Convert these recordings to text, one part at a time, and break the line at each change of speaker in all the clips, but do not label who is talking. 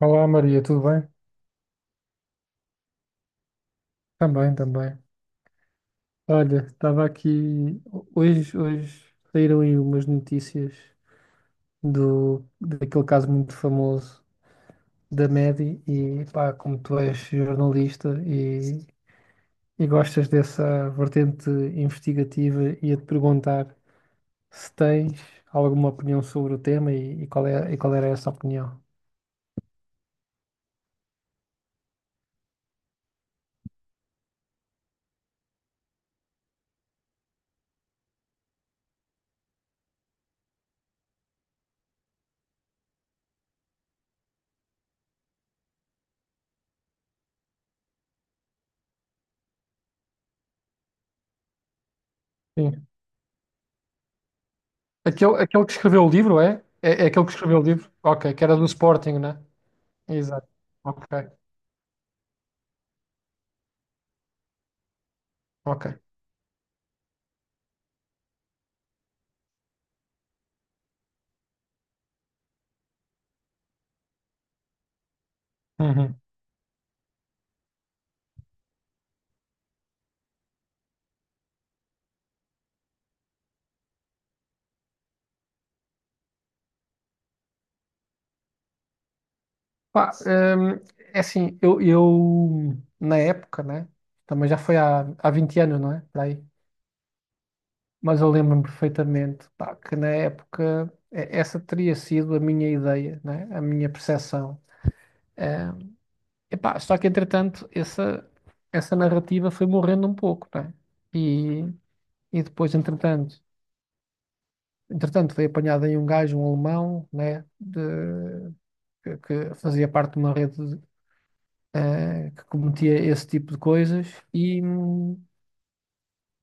Olá Maria, tudo bem? Também, também. Olha, estava aqui. Hoje saíram aí umas notícias daquele caso muito famoso da Medi e pá, como tu és jornalista e gostas dessa vertente investigativa, ia-te perguntar se tens alguma opinião sobre o tema e qual e qual era essa opinião. Sim. Aquele que escreveu o livro, é? É aquele que escreveu o livro? Ok, que era do Sporting, né? Exato. Ok, ok. Uhum. Pá, é assim, eu, na época, né? Também já foi há 20 anos, não é? Por aí. Mas eu lembro-me perfeitamente, pá, que na época essa teria sido a minha ideia, né? A minha percepção. Hum, epá, só que entretanto essa narrativa foi morrendo um pouco, né? E, e depois, entretanto, foi apanhado aí um gajo, um alemão, né? Que fazia parte de uma rede que cometia esse tipo de coisas e, hum,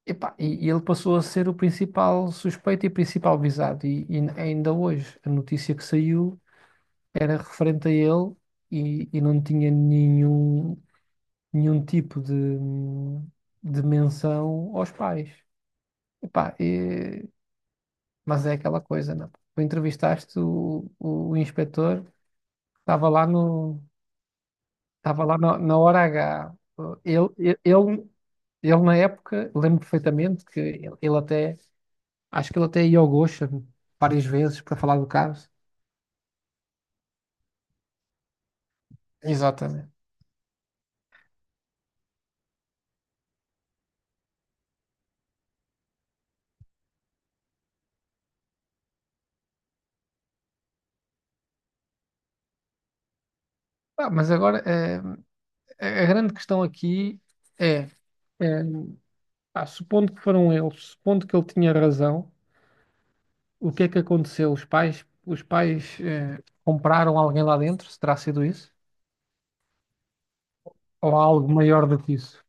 epá, e ele passou a ser o principal suspeito e principal visado. E ainda hoje, a notícia que saiu era referente a ele e não tinha nenhum tipo de menção aos pais. Epá, mas é aquela coisa, não? Tu entrevistaste o inspetor, estava lá no, estava lá na na hora H. Ele, ele, ele Ele na época, lembro perfeitamente que ele até, acho que ele até ia ao Gosha várias vezes para falar do caso. Exatamente. Ah, mas agora a grande questão aqui é, eh, pá, supondo que foram eles, supondo que ele tinha razão, o que é que aconteceu? Os pais compraram alguém lá dentro, se terá sido isso? Ou há algo maior do que isso?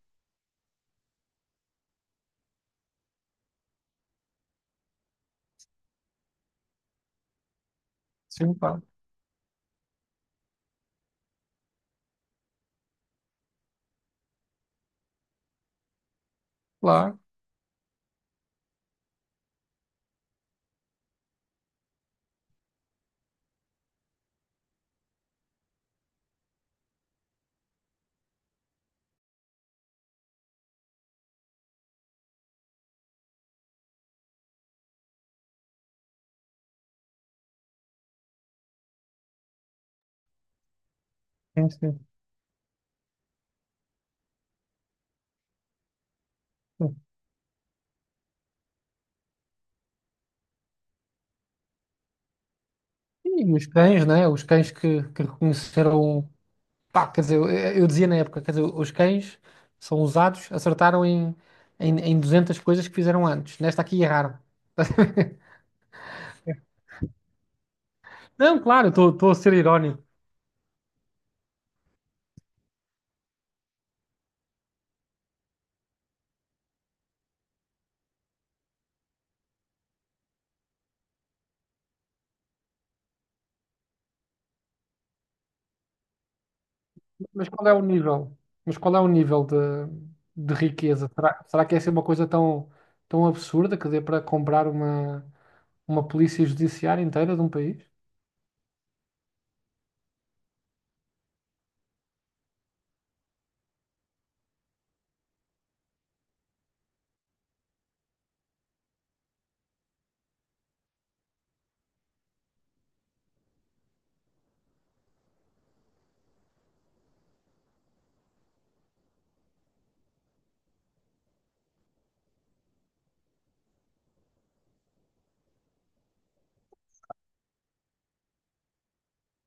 Sim, pá. Claro, sim, sim, sim. E os cães, né? Os cães que reconheceram. Pá, quer dizer, eu dizia na época, quer dizer, os cães são usados, em 200 coisas que fizeram antes. Nesta aqui erraram. Não, claro, estou a ser irónico. Mas qual é o nível? Mas qual é o nível de riqueza? Será que é é uma coisa tão, tão absurda que dê para comprar uma polícia judiciária inteira de um país?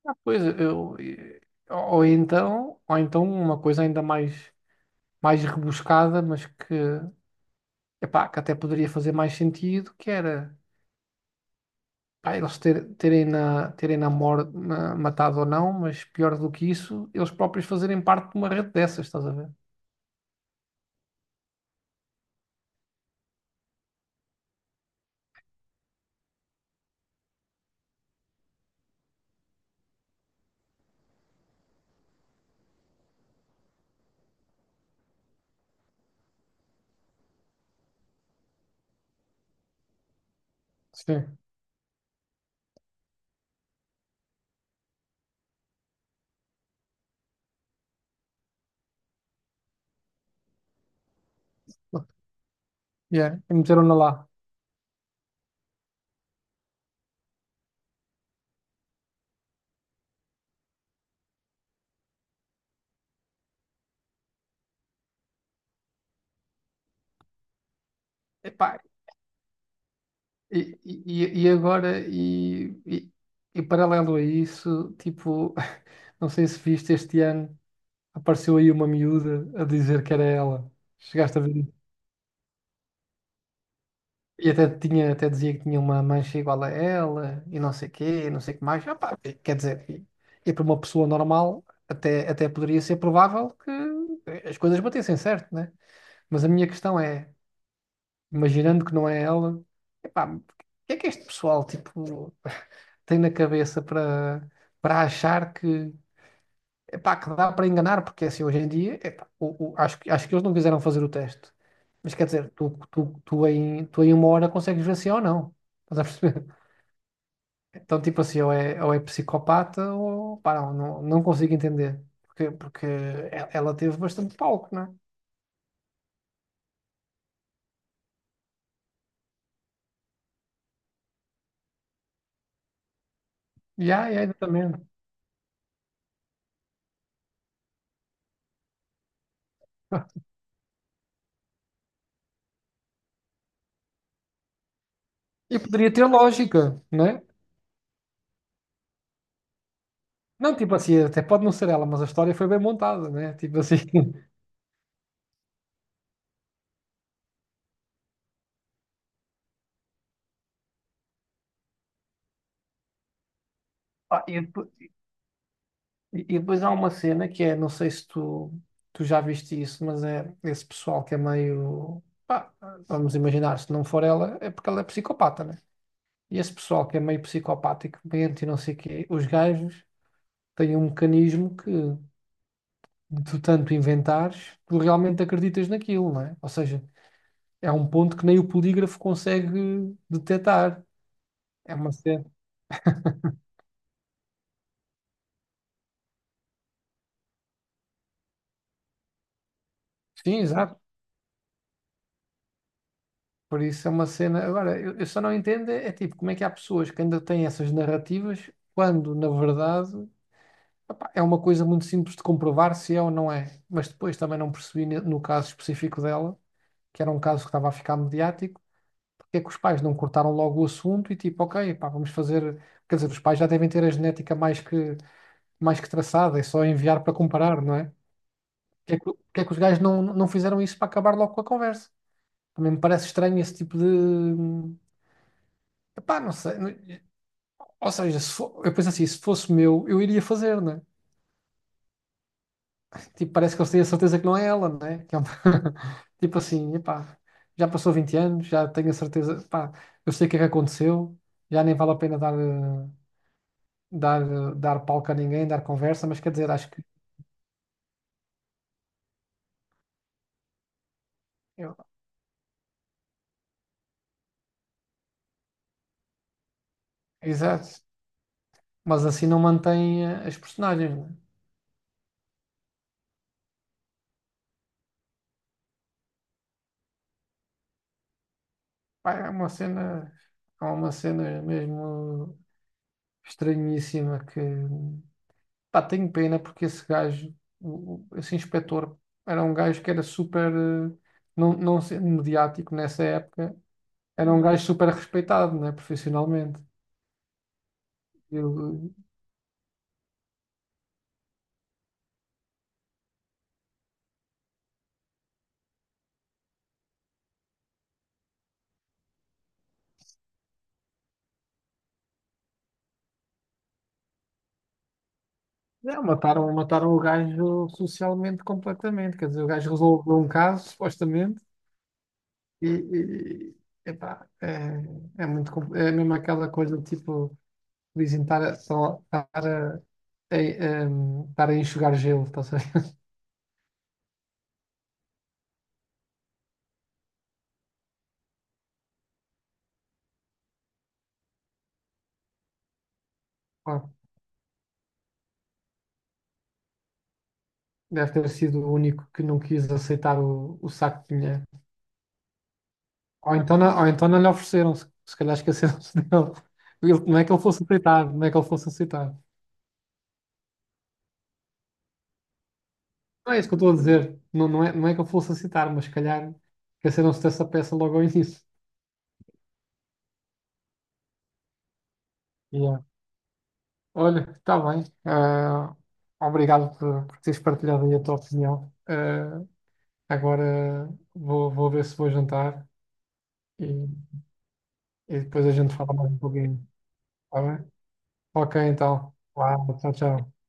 Ah, pois eu, ou então uma coisa ainda mais rebuscada, mas que epá, que até poderia fazer mais sentido, que era pá, eles terem terem na matado ou não, mas pior do que isso, eles próprios fazerem parte de uma rede dessas, estás a ver? Sim. Yeah. E meteram-na lá. Epá, e agora, e paralelo a isso, tipo, não sei se viste este ano, apareceu aí uma miúda a dizer que era ela. Chegaste a ver? E até tinha, até dizia que tinha uma mancha igual a ela, e não sei quê, e não sei o que mais. Ah, pá, quer dizer, e para uma pessoa normal, até, até poderia ser provável que as coisas batessem certo, né? Mas a minha questão é, imaginando que não é ela, epá, o que é que este pessoal, tipo, tem na cabeça para, para achar que epá, que dá para enganar, porque assim, hoje em dia, epá, acho, acho que eles não quiseram fazer o teste. Mas quer dizer, tu em uma hora consegues ver se é ou não. Estás a perceber? Então, tipo assim, ou é psicopata ou pá, não, não, não consigo entender. Porque ela teve bastante palco, não né? Já, já, exatamente. E poderia ter lógica, né? Não, tipo assim, até pode não ser ela, mas a história foi bem montada, né? Tipo assim. Ah, e depois há uma cena que é, não sei se tu já viste isso, mas é esse pessoal que é meio. Pá, vamos imaginar, se não for ela, é porque ela é psicopata, né? E esse pessoal que é meio psicopático, mente e não sei o quê, os gajos têm um mecanismo de tu tanto inventares, tu realmente acreditas naquilo, né? Ou seja, é um ponto que nem o polígrafo consegue detectar. É uma cena. Sim, exato. Por isso é uma cena. Agora, eu só não entendo é tipo como é que há pessoas que ainda têm essas narrativas quando, na verdade, opá, é uma coisa muito simples de comprovar se é ou não é. Mas depois também não percebi no caso específico dela, que era um caso que estava a ficar mediático, porque é que os pais não cortaram logo o assunto e tipo, ok, pá, vamos fazer. Quer dizer, os pais já devem ter a genética mais mais que traçada, é só enviar para comparar, não é? Porque é que os gajos não fizeram isso para acabar logo com a conversa? Também me parece estranho esse tipo de. Epá, não sei. Ou seja, se fo- eu penso assim, se fosse meu, eu iria fazer, né? Tipo, parece que eles têm a certeza que não é ela, né? Que é uma... Tipo assim, epá, já passou 20 anos, já tenho a certeza, pá, eu sei o que é que aconteceu, já nem vale a pena dar, dar, dar palco a ninguém, dar conversa, mas quer dizer, acho que. eu- Exato. Mas assim não mantém as personagens, né? Pá, é uma cena mesmo estranhíssima que. Pá, tenho pena porque esse gajo, esse inspetor, era um gajo que era super, não, não sendo mediático nessa época, era um gajo super respeitado, né, profissionalmente. Ele, é, mataram, mataram o gajo socialmente completamente. Quer dizer, o gajo resolveu um caso, supostamente, e, e- epá, é, é muito, é mesmo aquela coisa de tipo, dizem estar estar estar a enxugar gelo, estás a ver? Deve ter sido o único que não quis aceitar o saco de dinheiro. Ou então, ou então não lhe ofereceram, se calhar esqueceram-se dele. Não é que ele fosse aceitar, não é que ele fosse aceitar. Não é isso que eu estou a dizer. Não, não é, não é que ele fosse aceitar, mas se calhar esqueceram-se dessa peça logo ao início. Yeah. Olha, está bem. Ah, obrigado por teres partilhado aí a tua opinião. Ah, agora vou ver se vou jantar e, e depois a gente fala mais um pouquinho. Está bem? Ok, então. Uau, tchau, tchau.